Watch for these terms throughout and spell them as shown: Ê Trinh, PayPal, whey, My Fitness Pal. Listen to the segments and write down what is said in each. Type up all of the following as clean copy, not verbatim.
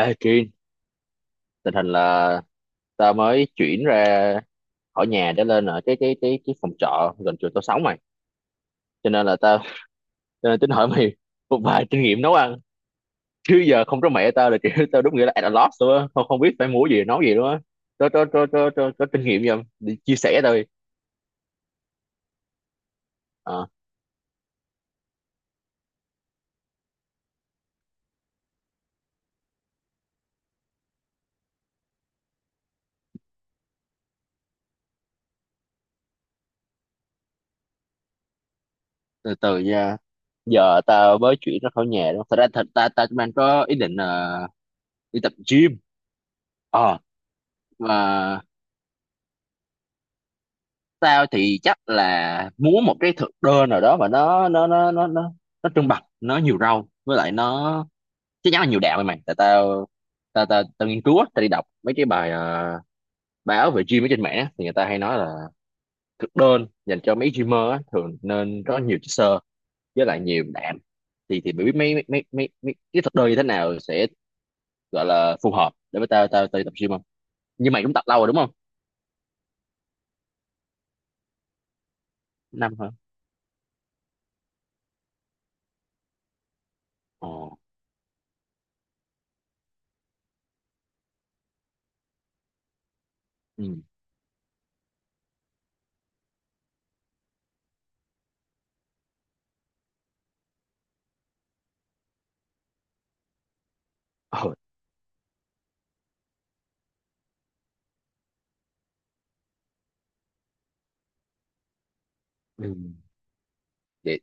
Ê Trinh, tình hình là ta mới chuyển ra khỏi nhà để lên ở cái phòng trọ gần chỗ tao sống mày. Cho nên là tao cho nên tính hỏi mày một vài kinh nghiệm nấu ăn. Chứ giờ không có mẹ tao là kiểu tao đúng nghĩa là at a loss luôn á, không không biết phải mua gì nấu gì luôn á. Có kinh nghiệm gì không? Đi chia sẻ thôi. Ờ, Từ từ nha. Giờ tao mới chuyển ra khỏi nhà đó. Thật ra ta ta mang có ý định là đi tập gym. Ờ, mà tao thì chắc là muốn một cái thực đơn nào đó mà nó trung bạch, nó nhiều rau với lại nó chắc chắn là nhiều đạm mày, tại tao nghiên cứu á, tao đi đọc mấy cái bài báo về gym ở trên mạng á, thì người ta hay nói là thực đơn dành cho mấy gymer á, thường nên có nhiều chất xơ với lại nhiều đạm. Thì mày biết mấy mấy mấy mấy, mấy cái thực đơn như thế nào sẽ gọi là phù hợp để với tao tao tao đi tập gym không? Nhưng mày cũng tập lâu rồi đúng không? Năm hả? Ồ. Ừ. Ờ, ừ. Vậy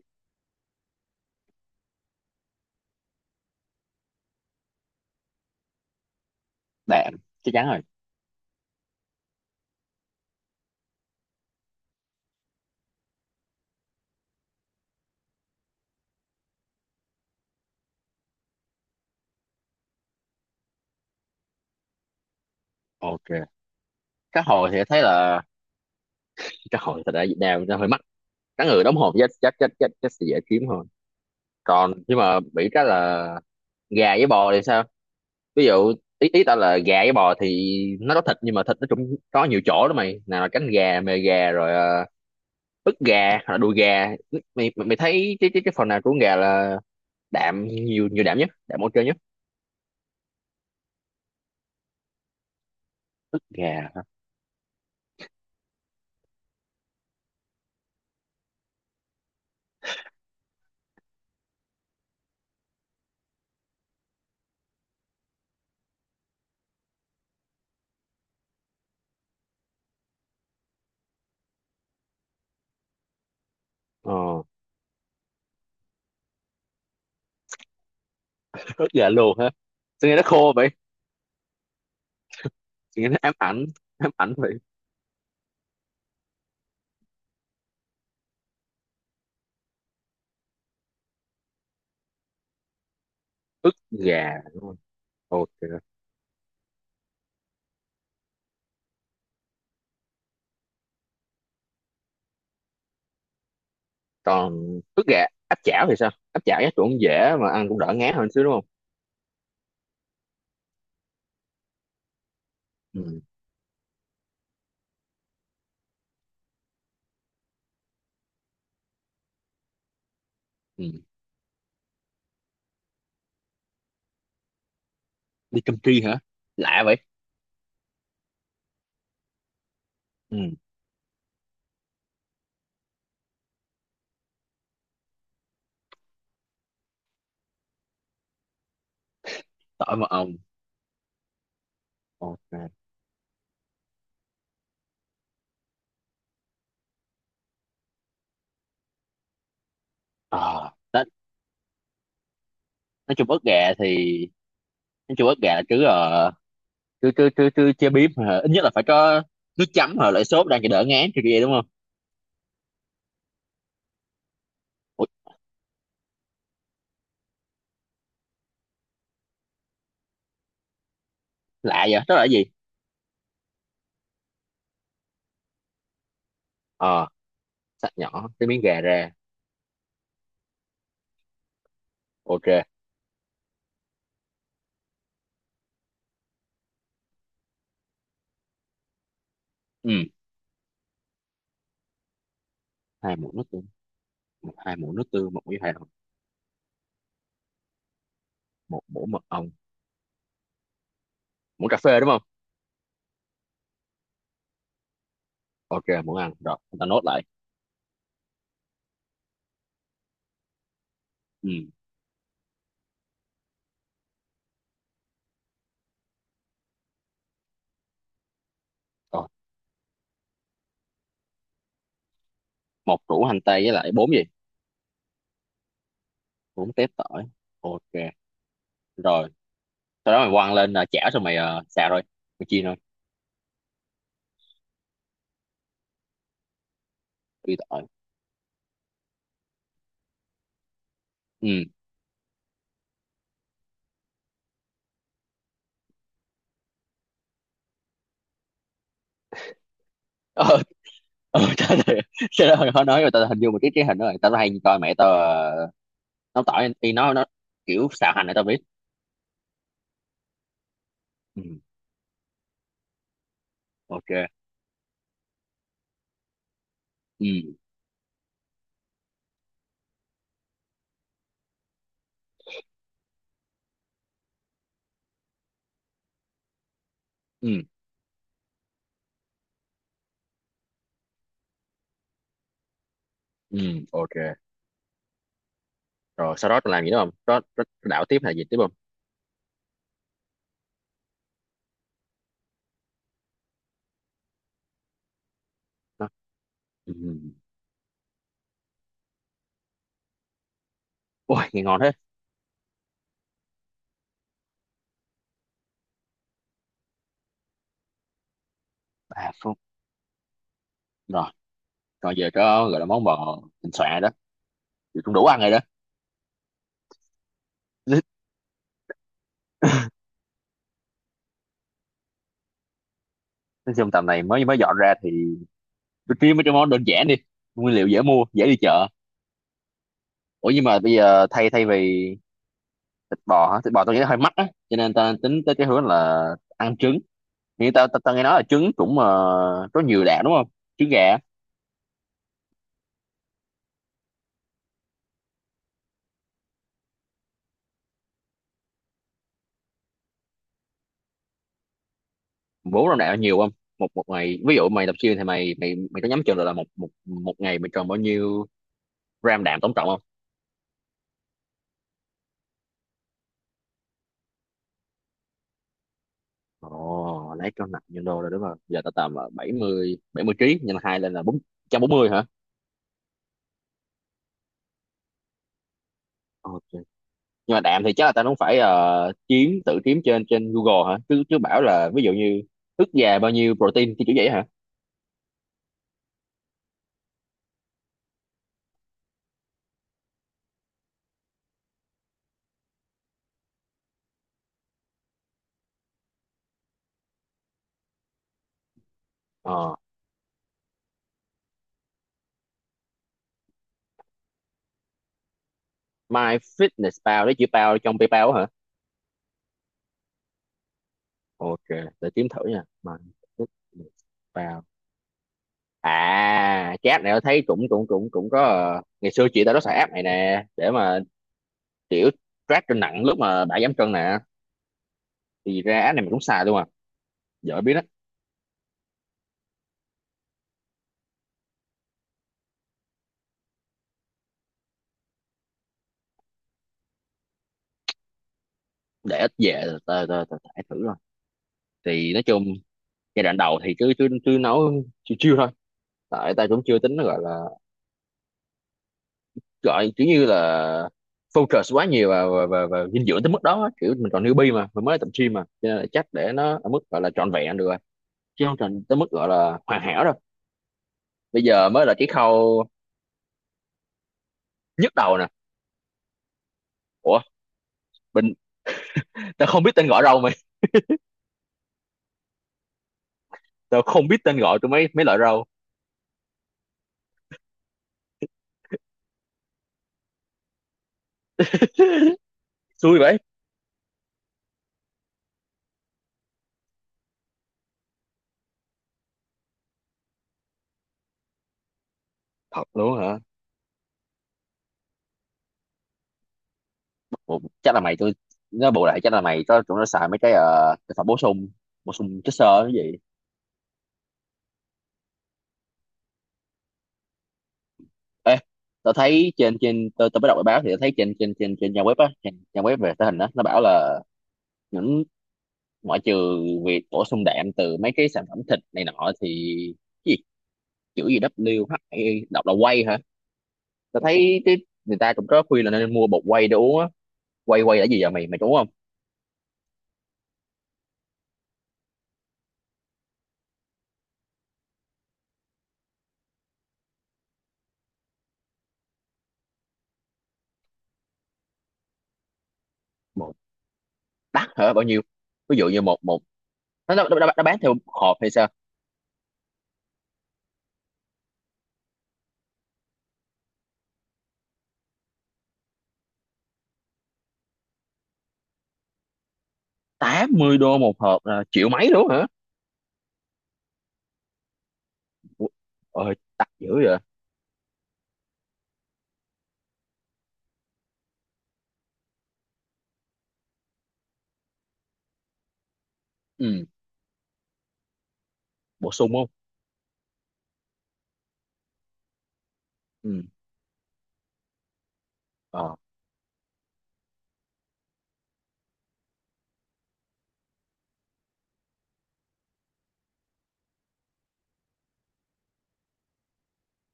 đạm chắc chắn rồi. Ok. Cá hồi thì thấy là cá hồi thật ra ở Việt Nam nó hơi mắc. Cá ngừ đóng hộp chắc chắc chắc chắc chắc sẽ dễ kiếm hơn. Còn nhưng mà bị cái là gà với bò thì sao? Ví dụ ý ý tao là gà với bò thì nó có thịt nhưng mà thịt nó cũng có nhiều chỗ đó mày, nào là cánh gà, mề gà rồi ức gà hoặc là đùi gà. Mày mày mày thấy cái phần nào của con gà là đạm nhiều, nhiều đạm nhất, đạm ok nhất? Ức gà hả? Ờ. Ức gà luôn hả? Sao nghe nó khô vậy? Sao nghe nó ám ảnh, ám ảnh vậy? Ức gà đúng không? Ok. Còn ức gà áp chảo thì sao? Áp chảo chắc cũng dễ mà ăn cũng đỡ ngán hơn xíu đúng không? Ừ. Ừ. Đi cơm tri hả? Lạ vậy. Ừ. Tỏi mật ong. Ok. Ờ, nói, nói chung ức gà thì nói chung ức gà là cứ cứ cứ cứ cứ chế biếm hả? Ít nhất là phải có nước chấm hoặc lại sốt đang cho đỡ ngán kia đúng không? Ủa, lạ vậy, đó là cái gì? Ờ. Xắt nhỏ cái miếng gà ra. Ok. Ừ. 2 muỗng nước tương. 2 muỗng nước tương, 1 muỗng hạt 1 muỗng mật ong. Muỗng cà phê đúng không? Ok, muỗng ăn rồi chúng ta nốt lại. Ừ. Rồi, 1 củ hành tây với lại bốn gì? 4 tép tỏi. Ok, rồi. Sau đó mày quăng lên chảo, xong mày xào rồi. Mày chiên thôi. Phi tỏi. Ừ. Ờ, tao thì- Sau đó mày khó nói mà tao hình dung một cái hình đó rồi. Tao hay coi mẹ tao nấu tỏi thì nó kiểu xào hành này tao biết. Ừ. Ok. Ừ. Ừ. Ừ. Ok. Rồi sau đó tao làm gì nữa không? Có đảo tiếp hay gì tiếp không? Đó. Ừ. Ôi, nghe ngon thế. 3 phút. Rồi, còn giờ có gọi là món bò thịnh soạn rồi đó. Giờ cũng đủ ăn rồi đó. Nói chung tầm này mới mới dọn ra thì tôi kiếm mấy cái món đơn giản đi, nguyên liệu dễ mua, dễ đi chợ. Ủa nhưng mà bây giờ thay thay vì thịt bò hả, thịt bò tôi nghĩ nó hơi mắc á, cho nên tao tính tới cái hướng là ăn trứng. Thì tao tao ta nghe nói là trứng cũng có nhiều đạm đúng không, trứng gà á? Bốn năm đạm là nhiều không? Một một ngày ví dụ mày tập gym thì mày mày mày có nhắm chừng được là một một một ngày mày cần bao nhiêu gram đạm tổng cộng không? Ồ, lấy cân nặng nhân đô rồi đúng không? Giờ tao tầm là 70 ký, nhân 2 lên là 440 hả? Ok. Nhưng mà đạm thì chắc là tao cũng phải kiếm, tự kiếm trên trên Google hả, chứ chứ bảo là ví dụ như ức gà bao nhiêu protein cái kiểu vậy hả? Ờ. My Fitness Pal đấy, chữ pal trong PayPal hả? Ok, để kiếm thử nha. My Fitness Pal. À, cái app này tao thấy cũng cũng cũng cũng có ngày xưa chị tao nó xài app này nè để mà kiểu track cân nặng lúc mà đã giảm cân nè. Thì ra app này mình cũng xài luôn à, giờ mới biết đó. Để ít về tao tao tao tải thử rồi. Thì nói chung giai đoạn đầu thì cứ cứ cứ nấu chiêu chiêu thôi, tại ta cũng chưa tính nó gọi là, gọi kiểu như là focus quá nhiều và dinh dưỡng tới mức đó á. Kiểu mình còn newbie mà mình mới tập gym mà, cho nên là chắc để nó ở mức gọi là trọn vẹn được rồi, chứ không tròn tới mức gọi là hoàn hảo đâu. Bây giờ mới là cái khâu nhức đầu nè. Ủa, mình tao không biết tên gọi rau mày. Tao không biết tên gọi của mấy mấy loại rau. Xui vậy. Thật luôn hả? Ủa, chắc là mày tôi, nó bù lại chắc là mày có tụi nó xài mấy cái thực phẩm bổ sung, bổ sung chất xơ cái gì. Ê, tao thấy trên trên tao, tao mới đọc bài báo thì tao thấy trên trên trên trên trang web á, trên trang web về thể hình á, nó bảo là những, ngoại trừ việc bổ sung đạm từ mấy cái sản phẩm thịt này nọ thì cái gì, chữ gì, WHI đọc là whey hả? Tao thấy cái người ta cũng có khuyên là nên mua bột whey để uống á. Whey whey là gì vậy mày, mày đúng không? Một, đắt hả? Bao nhiêu? Ví dụ như một một nó bán theo hộp hay sao? 80 đô 1 hộp là triệu mấy luôn hả? Ủa, ờ, đắt dữ vậy. Ừ, bổ sung không? Ừ. Ờ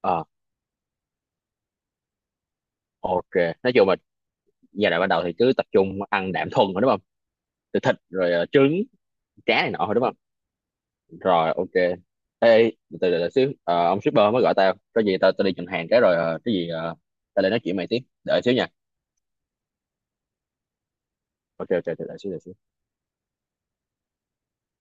ờ. Ok, nói chung là giai đoạn ban đầu thì cứ tập trung ăn đạm thuần thôi đúng không? Từ thịt rồi trứng, cá này nọ thôi đúng không? Rồi ok. Ê, từ từ từ xíu, ờ, ông shipper mới gọi tao. Có gì tao tao đi nhận hàng cái rồi tao lại nói chuyện mày tiếp. Đợi xíu nha. Ok ok, đợi xíu đợi xíu.